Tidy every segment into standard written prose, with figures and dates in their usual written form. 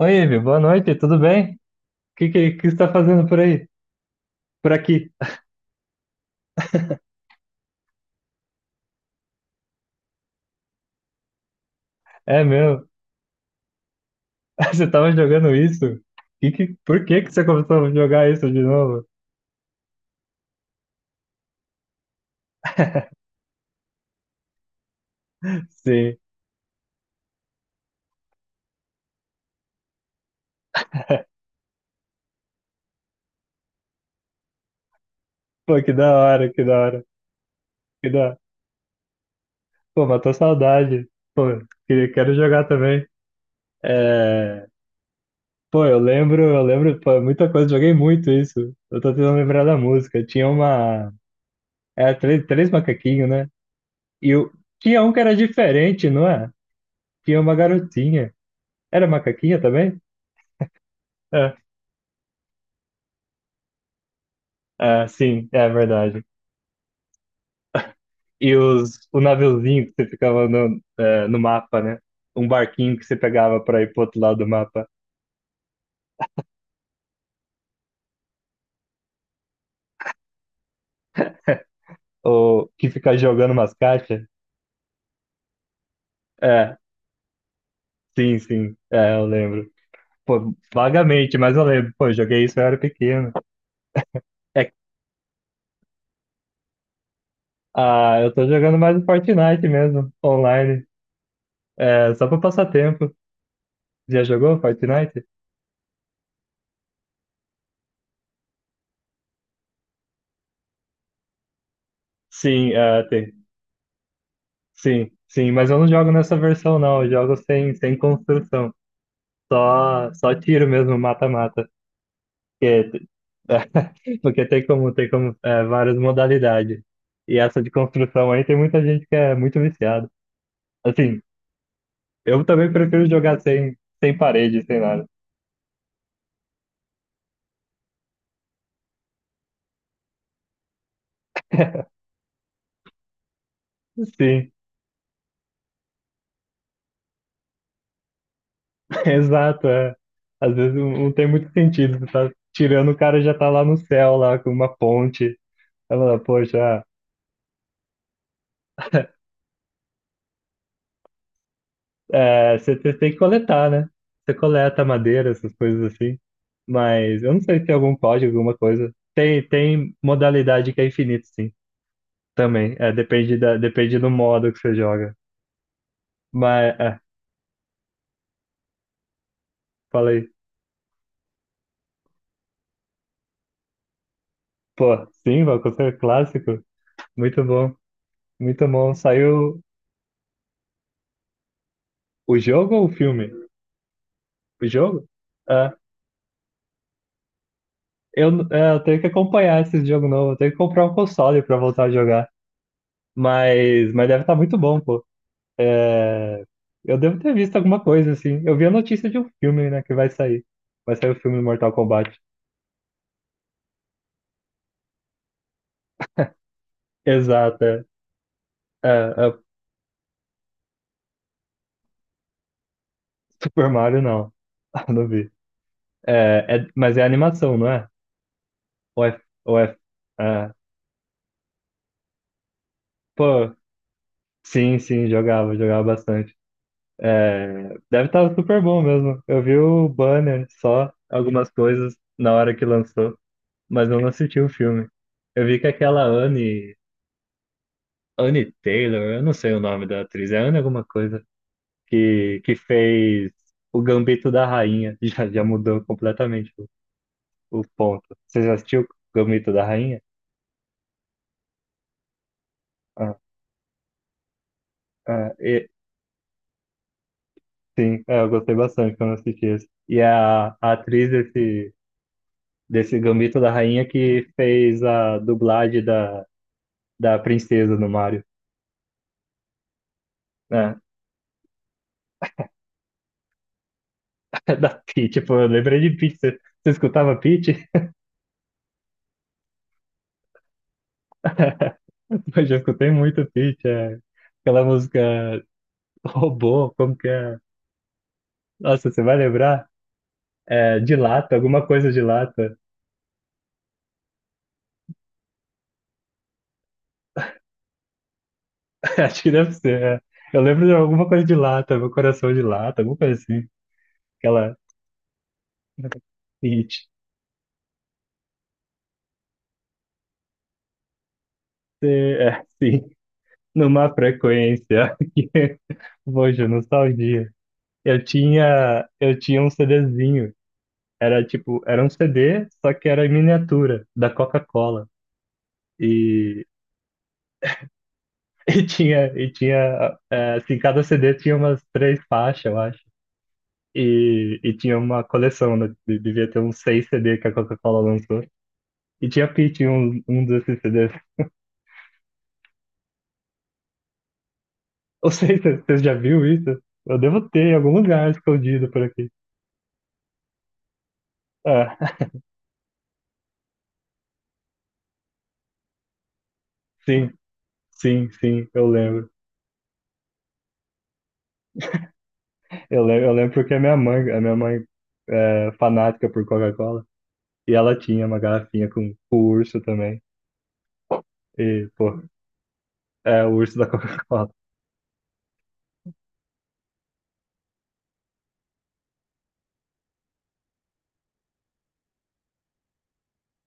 Oi, Ivi, boa noite, tudo bem? O que, que você está fazendo por aí? Por aqui? É meu, você estava jogando isso? Por que, que você começou a jogar isso de novo? Sim, pô, que da hora, que da hora, que da hora. Pô, matou saudade. Pô, quero jogar também. É... Pô, eu lembro, pô, muita coisa, joguei muito isso. Eu tô tentando lembrar da música. Tinha uma. Era três, três macaquinhos, né? E eu tinha um que era diferente, não é? Tinha uma garotinha. Era macaquinha também? É. Ah, sim, é verdade. E o naviozinho que você ficava no mapa, né? Um barquinho que você pegava para ir pro outro lado do mapa, ou que fica jogando umas caixas. É, sim, sim, é, eu lembro. Pô, vagamente, mas eu lembro. Pô, eu joguei isso, eu era pequeno. É, ah, eu tô jogando mais o Fortnite mesmo, online. É, só pra passar tempo. Já jogou Fortnite? Sim, é, tem. Sim, sim, mas eu não jogo nessa versão, não. Eu jogo sem, construção. Só tiro mesmo, mata-mata. Porque, porque tem como, várias modalidades. E essa de construção aí tem muita gente que é muito viciada. Assim, eu também prefiro jogar sem parede, sem nada. Sim, exato, é. Às vezes não tem muito sentido. Você tá tirando, o cara já tá lá no céu, lá com uma ponte. Aí fala, poxa, ah, é, você tem que coletar, né? Você coleta madeira, essas coisas assim. Mas eu não sei se tem algum código, alguma coisa. Tem modalidade que é infinito, sim. Também. É, depende depende do modo que você joga. Mas, é, falei. Pô, sim, Valkyrie clássico. Muito bom. Muito bom. Saiu o jogo ou o filme? O jogo? É, eu tenho que acompanhar esse jogo novo. Eu tenho que comprar um console pra voltar a jogar. Mas deve estar muito bom, pô. É, eu devo ter visto alguma coisa, assim. Eu vi a notícia de um filme, né, que vai sair. Vai sair o filme Mortal Kombat. Exato, é. É, é, Super Mario, não. Não vi. Mas é animação, não é? Ou é, ou é, É. Pô, sim, sim, jogava, jogava bastante. É, deve estar super bom mesmo. Eu vi o banner só, algumas coisas na hora que lançou, mas eu não assisti o filme. Eu vi que aquela Anne Taylor, eu não sei o nome da atriz, é Anne alguma coisa, que fez o Gambito da Rainha. Já, já mudou completamente o ponto. Você já assistiu o Gambito da Rainha? Ah, ah, e- sim, é, eu gostei bastante quando assisti esse. E a atriz desse Gambito da Rainha que fez a dublagem da princesa no Mario, né? Da Peach, pô, eu lembrei de Peach. Você escutava Peach? Eu já escutei muito Peach, é. Aquela música Robô, como que é? Nossa, você vai lembrar? É, de lata, alguma coisa de lata. Acho que deve ser. É. Eu lembro de alguma coisa de lata, meu coração de lata, alguma coisa assim. Aquela. Hit. É, sim, numa frequência. Poxa, nostalgia. Eu tinha um CDzinho. Era tipo, era um CD, só que era em miniatura, da Coca-Cola. E, e tinha, assim, cada CD tinha umas três faixas, eu acho. E tinha uma coleção, né? Devia ter uns seis CD que a Coca-Cola lançou. E tinha Pitty, um desses CDs. Não sei se você já viu isso. Eu devo ter em algum lugar escondido por aqui. Ah, sim, sim, sim, eu lembro. Eu lembro, eu lembro porque a minha mãe é fanática por Coca-Cola. E ela tinha uma garrafinha com o urso também. E, pô, é o urso da Coca-Cola.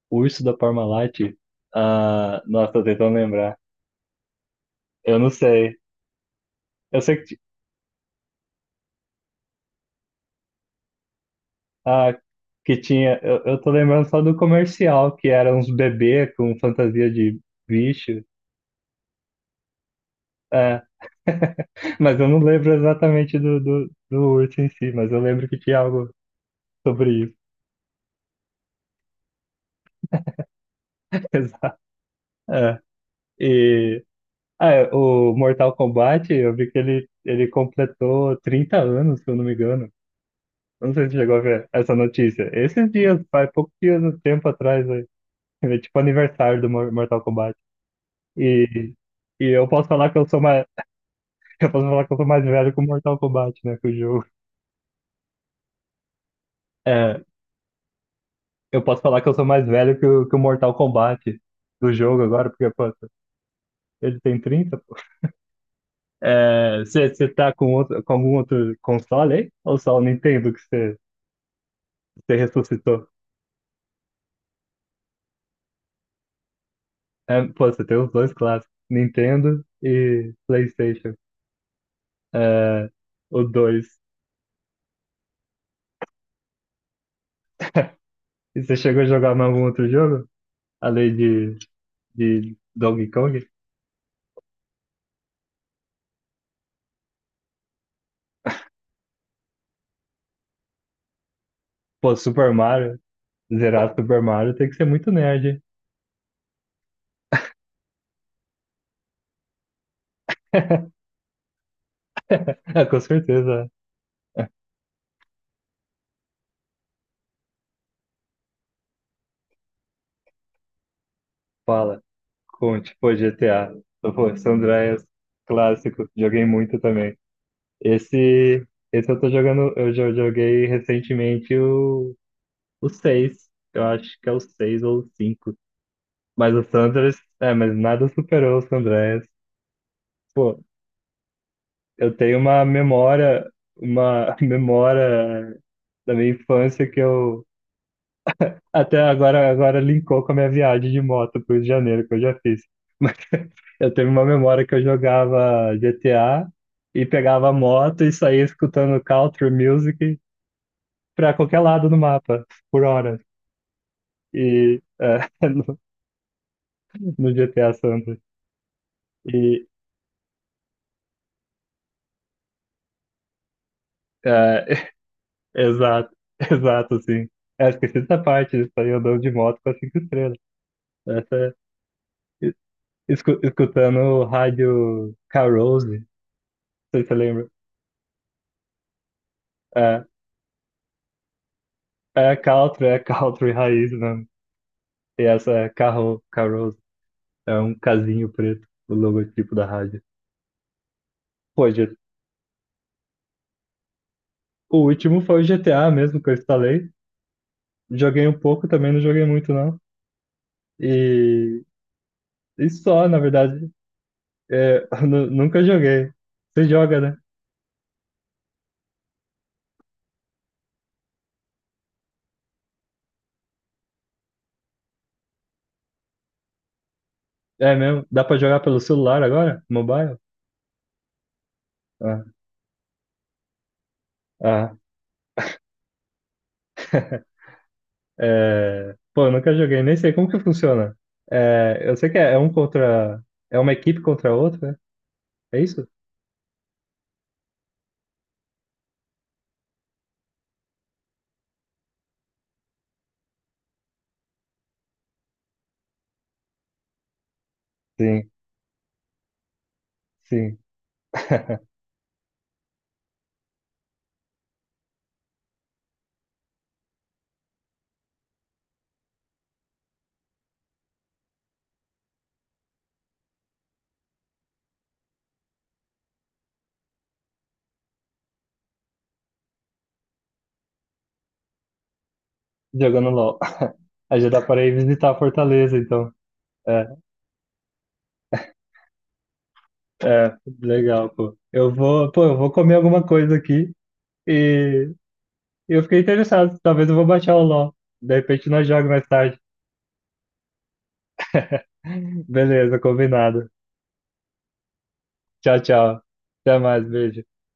O urso da Parmalat. Ah, nossa, tô tentando lembrar. Eu não sei. Eu sei que, ah, que tinha. Eu tô lembrando só do comercial, que era uns bebê com fantasia de bicho. É, mas eu não lembro exatamente do urso em si, mas eu lembro que tinha algo sobre isso. Exato. É. E o Mortal Kombat, eu vi que ele completou 30 anos, se eu não me engano. Eu não sei se você chegou a ver essa notícia. Esses dias, faz poucos dias, um tempo atrás, aí. É tipo aniversário do Mortal Kombat. E, e eu posso falar que eu sou uma, Eu posso falar que eu sou mais velho que o Mortal Kombat, né? Que o jogo. É, eu posso falar que eu sou mais velho que o, Mortal Kombat do jogo agora, porque, pô, ele tem 30, pô. É, você tá com, com algum outro console aí? Ou só o Nintendo que você ressuscitou? É, pô, você tem os dois clássicos, Nintendo e PlayStation. É, o dois. E você chegou a jogar mais algum outro jogo? Além de Donkey Kong? Pô, Super Mario. Zerar Super Mario tem que ser muito nerd, hein? Ah, com certeza. Fala. Conte, pô, GTA. Então, pô, San Andreas, clássico. Joguei muito também. Esse, esse eu tô jogando, eu já joguei recentemente o 6. Eu acho que é o 6 ou o 5. Mas o San Andreas, mas nada superou o San Andreas. Pô, eu tenho uma memória, uma memória da minha infância que eu Até agora, agora linkou com a minha viagem de moto pro Rio de Janeiro que eu já fiz. Mas eu tenho uma memória que eu jogava GTA e pegava a moto e saía escutando country music pra qualquer lado do mapa, por horas. E é, no, no GTA Santos. E é, exato, exato, sim. É, esqueci dessa parte, de sair andando de moto com as cinco estrelas. Essa, é- escu- escutando rádio Carouse, não sei se você lembra. É, é country, é country raiz mesmo. E essa é Carouse. É um casinho preto, o logotipo da rádio. Pô, o último foi o GTA mesmo que eu instalei. Joguei um pouco também, não joguei muito não. E, e só, na verdade. É, nunca joguei. Você joga, né? É mesmo? Dá pra jogar pelo celular agora? Mobile? Ah, ah. É, pô, eu nunca joguei, nem sei como que funciona. É, eu sei que é um contra. É uma equipe contra a outra, é isso? Sim. Sim, jogando LOL. Aí já dá para ir visitar Fortaleza, então. É, é, legal, pô. Eu vou, pô, eu vou comer alguma coisa aqui e eu fiquei interessado. Talvez eu vou baixar o LOL. De repente nós jogamos mais tarde. Beleza, combinado. Tchau, tchau. Até mais, beijo.